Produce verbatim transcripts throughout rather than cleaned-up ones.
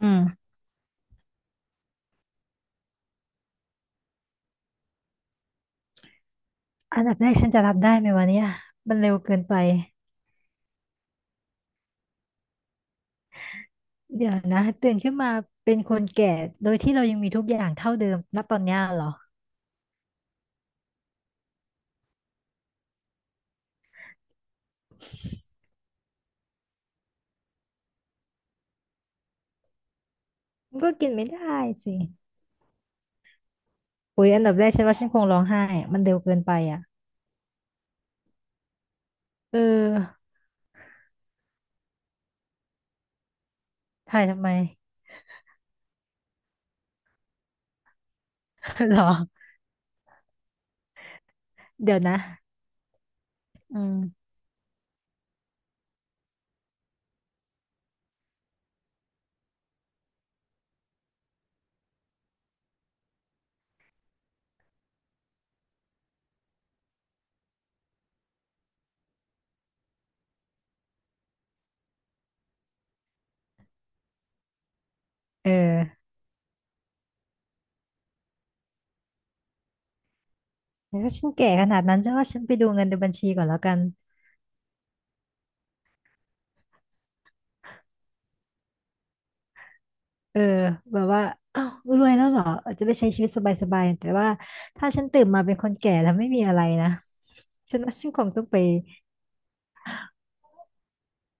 อืมอันดับแรกฉันจะรับได้ไหมวะเนี่ยมันเร็วเกินไปเดี๋ยวนะตื่นขึ้นมาเป็นคนแก่โดยที่เรายังมีทุกอย่างเท่าเดิมณตอนเนี้ยเหรอมันก็กินไม่ได้สิโอ้ยอันดับแรกฉันว่าฉันคงร้องไห้อะมันเร็วเกินไปอ่ะเออถ่ายทำไม เหรอเดี๋ยวนะอืมเออแต่ถ้าฉันแก่ขนาดนั้นฉันว่าฉันไปดูเงินในบัญชีก่อนแล้วกัน เออแบบว่าอ้าวรวยแล้วเหรออาจจะไปใช้ชีวิตสบายๆแต่ว่าถ้าฉันตื่นมาเป็นคนแก่แล้วไม่มีอะไรนะฉันว่าฉันคงต้องไป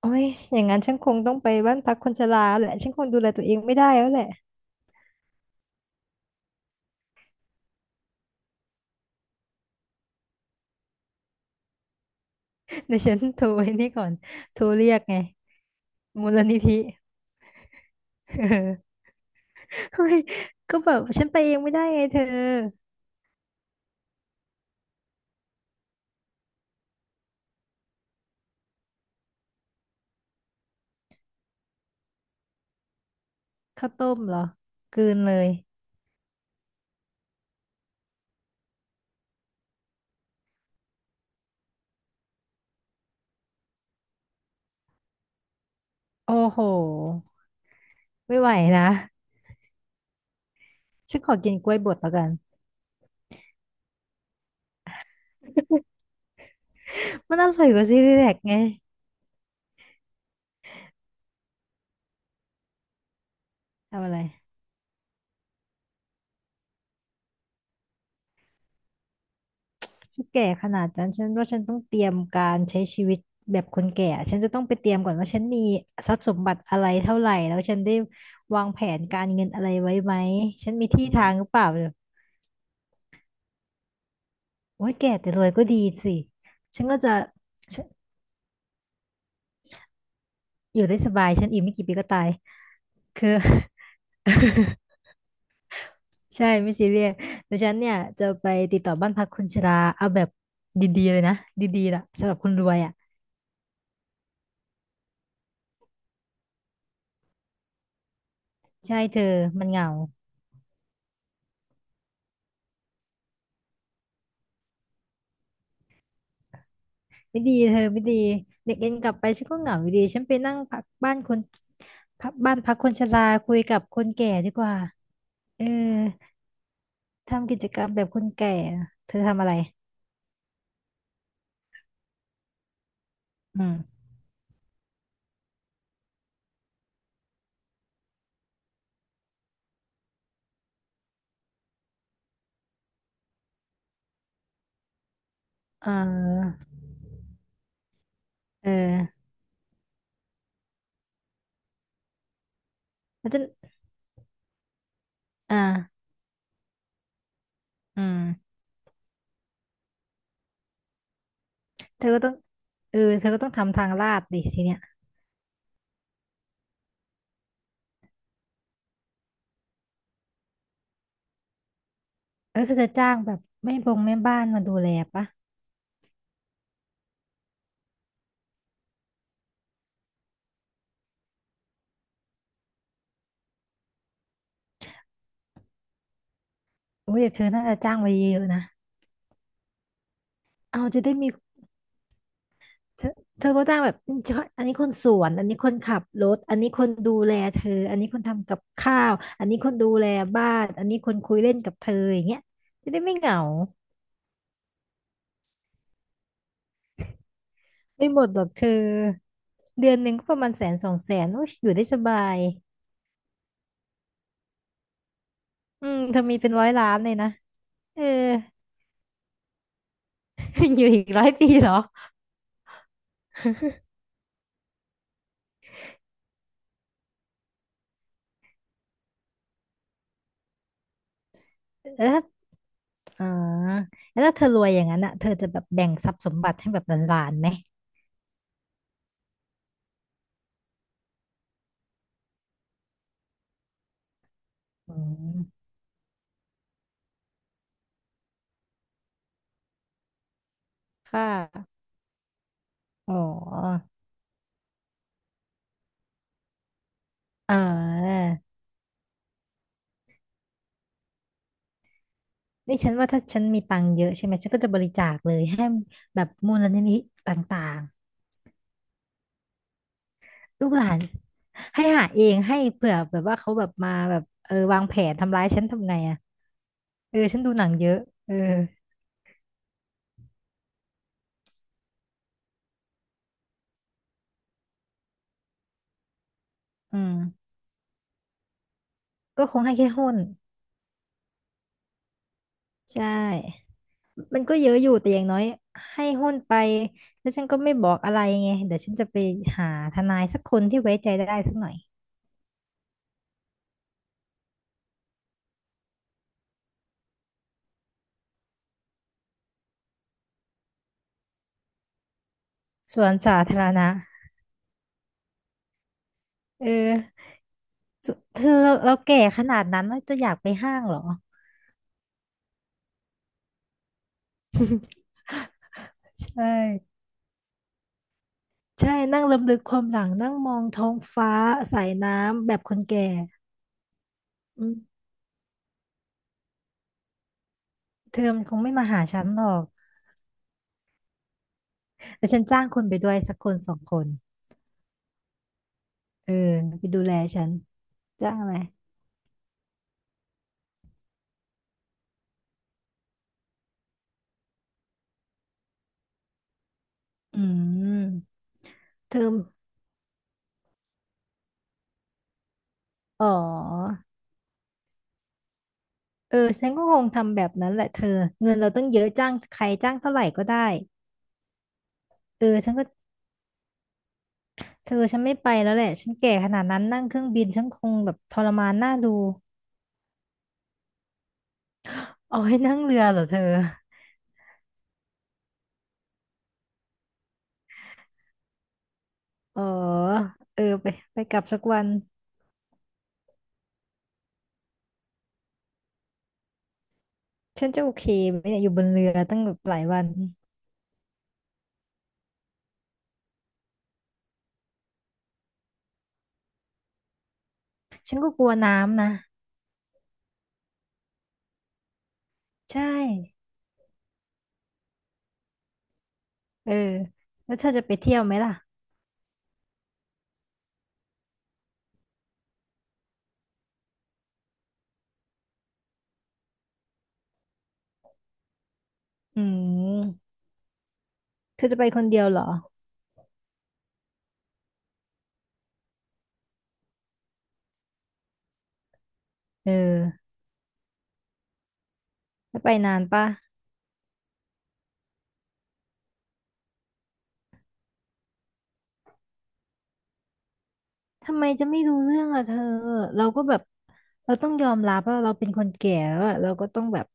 โอ้ยอย่างนั้นฉันคงต้องไปบ้านพักคนชราแหละฉันคงดูแลตัวเองไม่ได้แล้วแหละเดี๋ยวฉันโทรไอ้นี่ก่อนโทรเรียกไงมูลนิธิ เออเฮ้ยก็แบบฉันไปเองไม่ได้ไงเธอข้าวต้มเหรอกลืนเลยโอ้โหไม่ไหวนะฉันขอกินกล้วยบดแล้วกันมันอร่อยกว่าซีรีแลกไงทำอะไร ฉันแก่ขนาดนั้นฉันว่าฉันต้องเตรียมการใช้ชีวิตแบบคนแก่ ฉันจะต้องไปเตรียมก่อนว่าฉันมีทรัพย์สมบัติอะไรเท่าไหร่แล้วฉันได้วางแผนการเงินอะไรไว้ไหม ฉันมีที่ทางหรือเปล่าเนี่ยโอ้ยแก่แต่รวยก็ดีสิฉันก็จะฉันอยู่ได้สบายฉันอีกไม่กี่ปีก็ตายคือ ใช่ไม่ซีเรียสแต่ฉันเนี่ยจะไปติดต่อบ้านพักคนชราเอาแบบดีๆเลยนะดีๆล่ะสำหรับคนรวยอ่ะใช่เธอมันเหงา ไม่ดีเธอไม่ดีเด็กเอ็นกลับไปฉันก็เหงาอยู่ดีฉันไปนั่งพักบ้านคนพักบ้านพักคนชราคุยกับคนแก่ดีกว่าเออทำกิจกรรมแบบคนแก่เธอทำอะไรอืมเออเออแล้วจะอ่าอืมเธอก็ต้องเออเธอก็ต้องทำทางลาดดิทีเนี้ยแล้วเธอจะจ้างแบบแม่บงแม่บ้านมาดูแลปะโอ้ยเดี๋ยวเธอน่าจะจ้างไว้เยอะๆนะเอาจะได้มี เธอเธอก็จ้างแบบอเธออันนี้คนสวนอันนี้คนขับรถอันนี้คนดูแลเธออันนี้คนทำกับข้าวอันนี้คนดูแลบ้านอันนี้คนคุยเล่นกับเธออย่างเงี้ยจะได้ไม่เหงาไม่หมดหรอกเธอเดือนหนึ่งก็ประมาณแสนสองแสนโอ้ยอยู่ได้สบายอืมเธอมีเป็นร้อยล้านเลยนะเออ อยู่อีกร้อยปีเหรอ แล้วถ้าอ๋อแล้วถ้าเธอรวยอย่างนั้นอ่ะเธอจะแบบแบ่งทรัพย์สมบัติให้แบบหลานๆไหมอืมค่ะอ๋อเออ ดิฉันว่าถ้าฉันมีตังค์เยอะใช่ไหมฉันก็จะบริจาคเลยให้แบบมูลนิธิต่างๆลูกหลานให้หาเองให้เผื่อแบบว่าเขาแบบมาแบบเออวางแผนทำร้ายฉันทำไงอะเออฉันดูหนังเยอะเอออืมก็คงให้แค่หุ้นใช่มันก็เยอะอยู่แต่อย่างน้อยให้หุ้นไปแล้วฉันก็ไม่บอกอะไรไงเดี๋ยวฉันจะไปหาทนายสักคนที่ไว้ใจได้สักหน่อยส่วนสาธารณะ เออสุเธอเราเราแก่ขนาดนั้นแล้วจะอยากไปห้างเหรอใช่ใช่นั่งรำลึกความหลังนั่งมองท้องฟ้าสายน้ำแบบคนแก่อืมเธอมันคงไม่มาหาฉันหรอกแต่ฉันจ้างคนไปด้วยสักคนสองคนเออไปดูแลฉันจ้างอะไรอืมเธออ๋อเออฉันก็คงทำแบบนั้นแหละเธอเงินเราตั้งเยอะจ้างใครจ้างเท่าไหร่ก็ได้เออฉันก็ เธอฉันไม่ไปแล้วแหละฉันแก่ขนาดนั้นนั่งเครื่องบินฉันคงแบบทรมานน่าดูเอาให้นั่งเรือเหรอเธออ๋อเออไปไปกลับสักวันฉันจะโอเคไหมเนี่ยอยู่บนเรือตั้งแบบหลายวันฉันก็กลัวน้ำนะใช่เออแล้วเธอจะไปเที่ยวไหมล่ะอืมเธอจะไปคนเดียวเหรอเออจะไปนานปะทำไมจะไม่รู้เรื่องอ่ะเธอเราก็แบบเราต้องยอมรับว่าเราเป็นคนแก่แล้วอะเราก็ต้องแบบ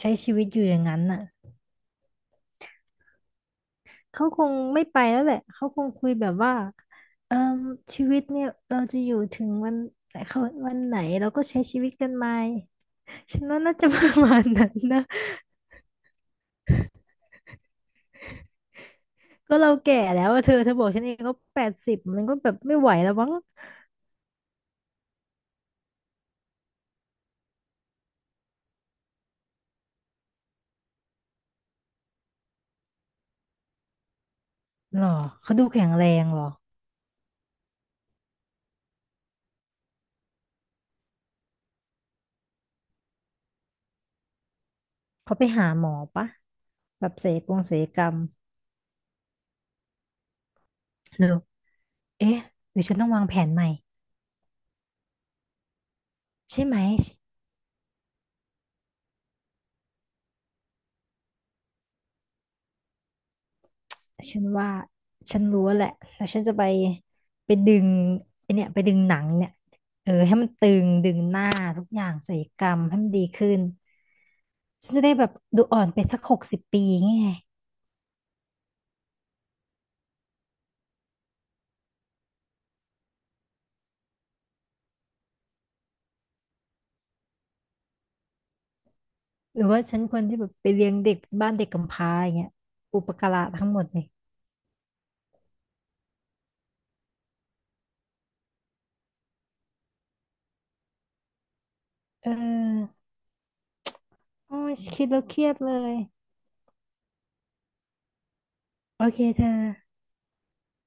ใช้ชีวิตอยู่อย่างนั้นอ่ะ เขาคงไม่ไปแล้วแหละ เขาคงคุยแบบว่าเอ่อชีวิตเนี่ยเราจะอยู่ถึงวันไหนเขาวันไหนเราก็ใช้ชีวิตกันไหมาฉันว่าน่าจะประมาณนั้นนะ ก็เราแก่แล้วอะเธอเธอบอกฉันเองก็แปดสิบมันก็แบบไม่ไหวแล้วมั้งหรอเขาดูแข็งแรงหรอ เขาไปหาหมอปะแบบศัลยกงศัลยกรรมหรือเอ๊ะหรือฉันต้องวางแผนใหม่ใช่ไหม ฉันว่าฉันรู้แหละแล้วฉันจะไปไปดึงไอเนี่ยไปดึงหนังเนี่ยเออให้มันตึงดึงหน้าทุกอย่างศัลยกรรมให้มันดีขึ้นฉันจะได้แบบดูอ่อนไปสักหกสิบปีไงหรือว่าฉันควรที่แบบไปเลี้ยงเด็กบ้านเด็กกำพร้าอย่างเงี้ยอุปการะทั้งหมดเลยเออโอ้ยคิดแล้วเครียดเลยโอเคเธอ